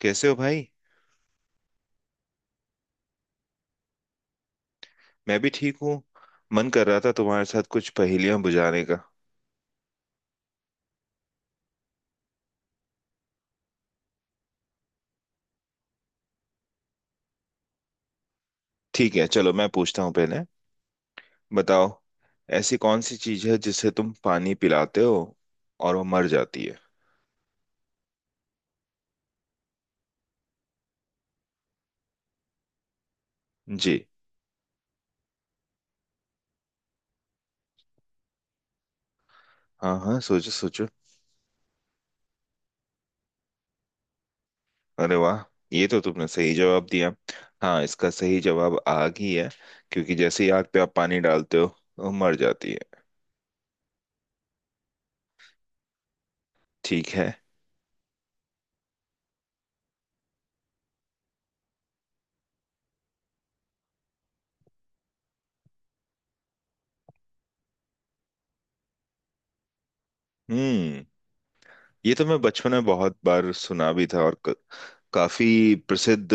कैसे हो भाई। मैं भी ठीक हूँ। मन कर रहा था तुम्हारे साथ कुछ पहेलियां बुझाने का। ठीक है, चलो मैं पूछता हूँ पहले। बताओ, ऐसी कौन सी चीज है जिसे तुम पानी पिलाते हो और वो मर जाती है? जी। हाँ हाँ, सोचो सोचो। अरे वाह, ये तो तुमने सही जवाब दिया। हाँ, इसका सही जवाब आग ही है, क्योंकि जैसे ही आग पे आप पानी डालते हो, वो मर जाती है। ठीक है। हम्म। ये तो मैं बचपन में बहुत बार सुना भी था और काफी प्रसिद्ध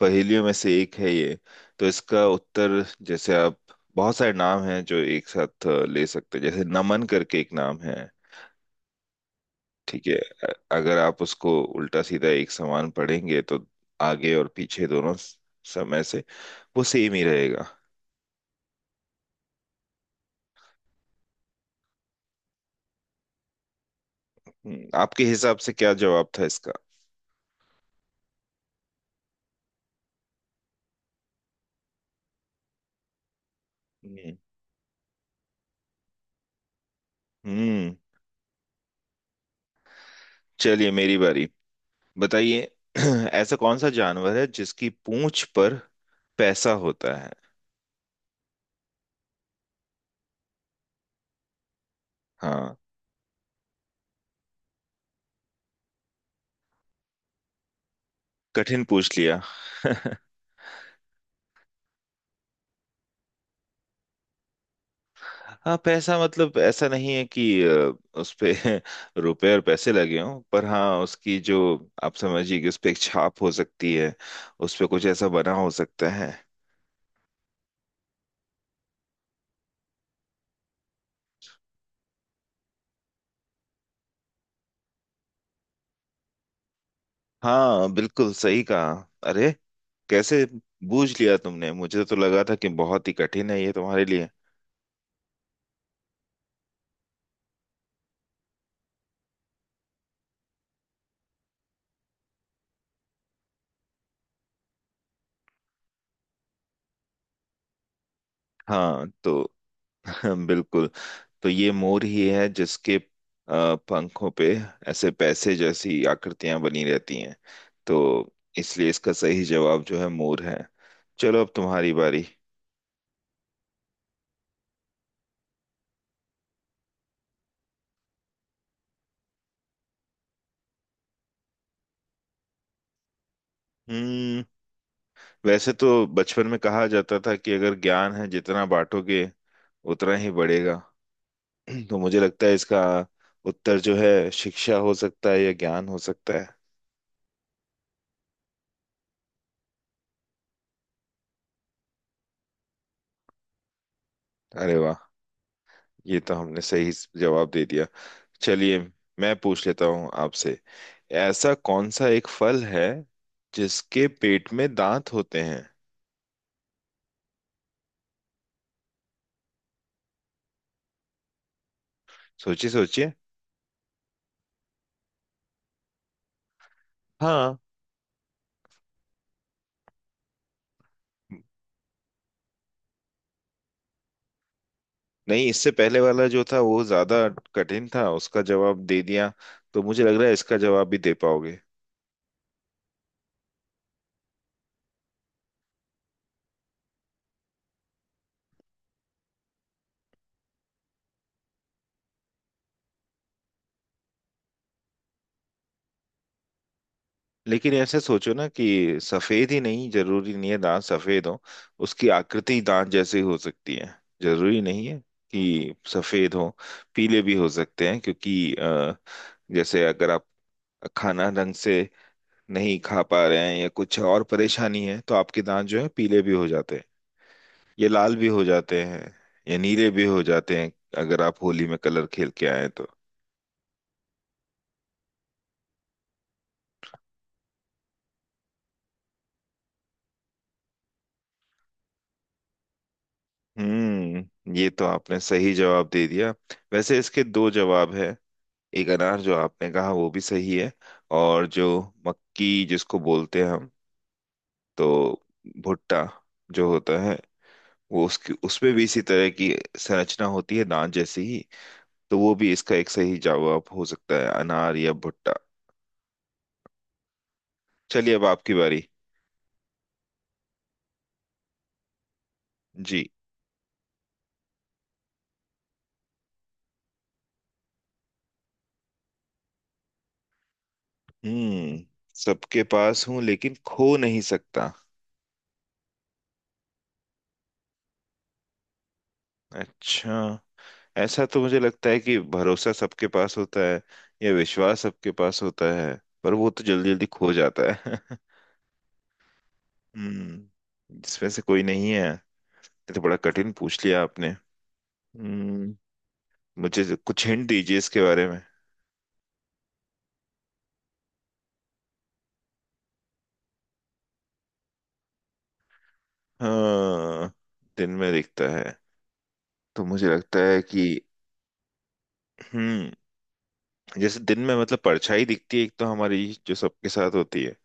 पहेलियों में से एक है ये। तो इसका उत्तर जैसे आप, बहुत सारे नाम हैं जो एक साथ ले सकते हैं, जैसे नमन, करके एक नाम है। ठीक है। अगर आप उसको उल्टा सीधा एक समान पढ़ेंगे तो आगे और पीछे दोनों समय से वो सेम ही रहेगा। आपके हिसाब से क्या जवाब था इसका? हम्म। हम्म। चलिए, मेरी बारी। बताइए। ऐसा कौन सा जानवर है जिसकी पूंछ पर पैसा होता है? हाँ। कठिन पूछ लिया? हाँ, पैसा मतलब ऐसा नहीं है कि उस पे रुपए और पैसे लगे हों, पर हाँ उसकी जो, आप समझिए कि उस पे एक छाप हो सकती है, उस पे कुछ ऐसा बना हो सकता है। हाँ, बिल्कुल सही कहा। अरे, कैसे बूझ लिया तुमने? मुझे तो लगा था कि बहुत ही कठिन है ये तुम्हारे लिए। हाँ तो। बिल्कुल। तो ये मोर ही है जिसके पंखों पे ऐसे पैसे जैसी आकृतियां बनी रहती हैं। तो इसलिए इसका सही जवाब जो है मोर है। चलो, अब तुम्हारी बारी। हम्म। वैसे तो बचपन में कहा जाता था कि अगर ज्ञान है, जितना बांटोगे उतना ही बढ़ेगा। तो मुझे लगता है इसका उत्तर जो है शिक्षा हो सकता है या ज्ञान हो सकता है। अरे वाह, ये तो हमने सही जवाब दे दिया। चलिए, मैं पूछ लेता हूँ आपसे। ऐसा कौन सा एक फल है जिसके पेट में दांत होते हैं? सोचिए सोचिए। हाँ, नहीं, इससे पहले वाला जो था वो ज्यादा कठिन था, उसका जवाब दे दिया, तो मुझे लग रहा है इसका जवाब भी दे पाओगे। लेकिन ऐसे सोचो ना कि सफेद ही, नहीं जरूरी नहीं है दांत सफेद हो, उसकी आकृति दांत जैसी हो सकती है। जरूरी नहीं है कि सफेद हो, पीले भी हो सकते हैं, क्योंकि जैसे अगर आप खाना ढंग से नहीं खा पा रहे हैं या कुछ और परेशानी है तो आपके दांत जो है पीले भी हो जाते हैं, ये लाल भी हो जाते हैं या नीले भी हो जाते हैं, अगर आप होली में कलर खेल के आए तो। हम्म, ये तो आपने सही जवाब दे दिया। वैसे इसके दो जवाब है, एक अनार जो आपने कहा वो भी सही है, और जो मक्की जिसको बोलते हैं हम, तो भुट्टा जो होता है वो, उसकी उसमें भी इसी तरह की संरचना होती है दांत जैसी ही। तो वो भी इसका एक सही जवाब हो सकता है, अनार या भुट्टा। चलिए, अब आपकी बारी। जी। हम्म। सबके पास हूं लेकिन खो नहीं सकता। अच्छा। ऐसा तो मुझे लगता है कि भरोसा सबके पास होता है या विश्वास सबके पास होता है, पर वो तो जल्दी जल्दी खो जाता है। हम्म, इसमें से कोई नहीं है ये? तो बड़ा कठिन पूछ लिया आपने। हम्म। मुझे कुछ हिंट दीजिए इसके बारे में। हाँ, दिन में दिखता है, तो मुझे लगता है कि। हम्म। जैसे दिन में, मतलब परछाई दिखती है एक, तो हमारी जो सबके साथ होती है।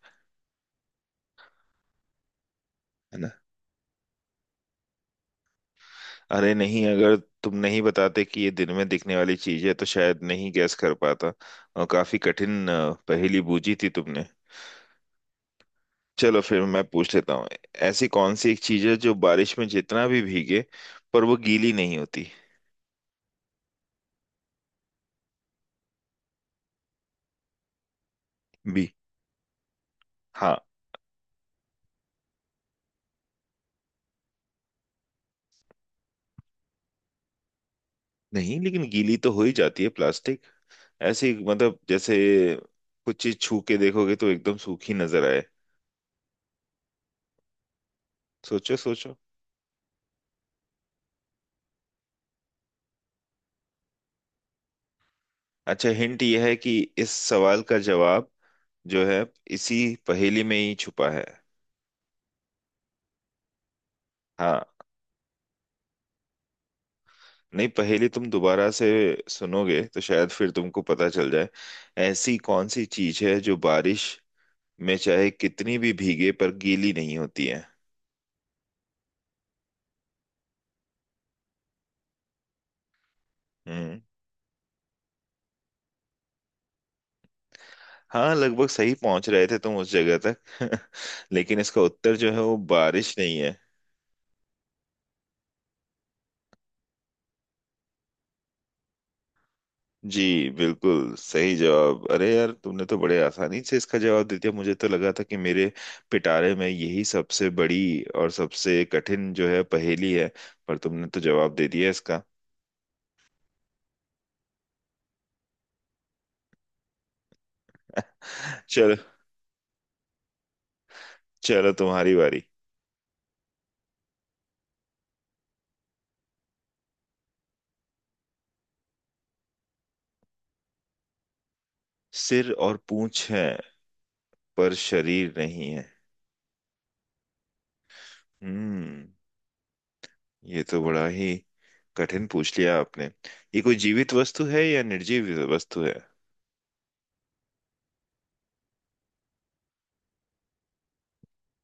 है ना? अरे नहीं, अगर तुम नहीं बताते कि ये दिन में दिखने वाली चीज है तो शायद नहीं गैस कर पाता। और काफी कठिन पहेली बूझी थी तुमने। चलो फिर मैं पूछ लेता हूँ। ऐसी कौन सी एक चीज है जो बारिश में जितना भी भीगे पर वो गीली नहीं होती? भी। हाँ। नहीं, लेकिन गीली तो हो ही जाती है प्लास्टिक। ऐसी मतलब जैसे कुछ चीज छू के देखोगे तो एकदम सूखी नजर आए। सोचो सोचो। अच्छा, हिंट यह है कि इस सवाल का जवाब जो है, इसी पहेली में ही छुपा है। हाँ। नहीं, पहेली तुम दोबारा से सुनोगे तो शायद फिर तुमको पता चल जाए। ऐसी कौन सी चीज है जो बारिश में चाहे कितनी भी भीगे पर गीली नहीं होती है? हम्म। हाँ, लगभग सही पहुंच रहे थे तुम उस जगह तक। लेकिन इसका उत्तर जो है वो बारिश नहीं है। जी, बिल्कुल सही जवाब। अरे यार, तुमने तो बड़े आसानी से इसका जवाब दे दिया, मुझे तो लगा था कि मेरे पिटारे में यही सबसे बड़ी और सबसे कठिन जो है पहेली है, पर तुमने तो जवाब दे दिया इसका। चलो, चलो तुम्हारी बारी। सिर और पूंछ है पर शरीर नहीं है? हम्म। ये तो बड़ा ही कठिन पूछ लिया आपने। ये कोई जीवित वस्तु है या निर्जीव वस्तु है?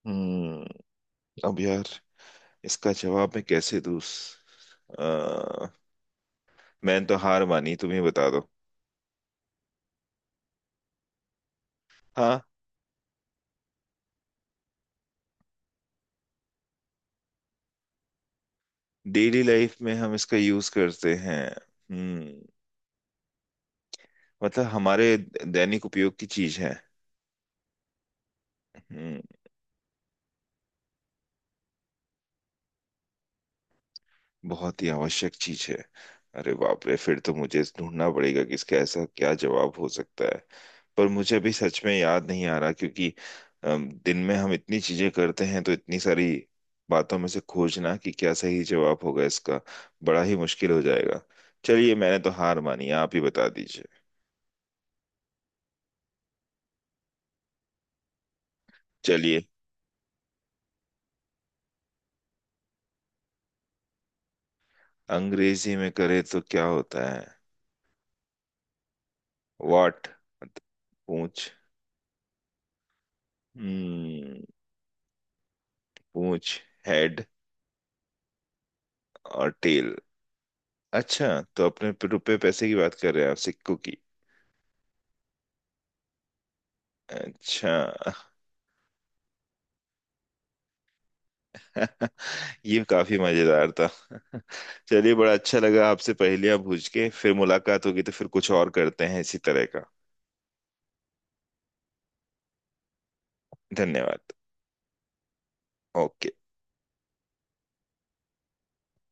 हम्म। अब यार, इसका जवाब मैं कैसे दूं? मैंने तो हार मानी, तुम ही बता दो। हाँ, डेली लाइफ में हम इसका यूज करते हैं। हम्म, मतलब हमारे दैनिक उपयोग की चीज है। हम्म। बहुत ही आवश्यक चीज है। अरे बाप रे, फिर तो मुझे ढूंढना पड़ेगा कि इसका ऐसा क्या जवाब हो सकता है। पर मुझे अभी सच में याद नहीं आ रहा, क्योंकि दिन में हम इतनी चीजें करते हैं तो इतनी सारी बातों में से खोजना कि क्या सही जवाब होगा इसका, बड़ा ही मुश्किल हो जाएगा। चलिए, मैंने तो हार मानी, आप ही बता दीजिए। चलिए। अंग्रेजी में करे तो क्या होता है? वॉट? पूंछ। हम्म। पूंछ, हेड और टेल। अच्छा, तो अपने रुपए पैसे की बात कर रहे हैं आप, सिक्कों की? अच्छा। ये काफी मजेदार था। चलिए, बड़ा अच्छा लगा आपसे पहेलियां बूझ के। फिर मुलाकात होगी तो फिर कुछ और करते हैं इसी तरह का। धन्यवाद। ओके।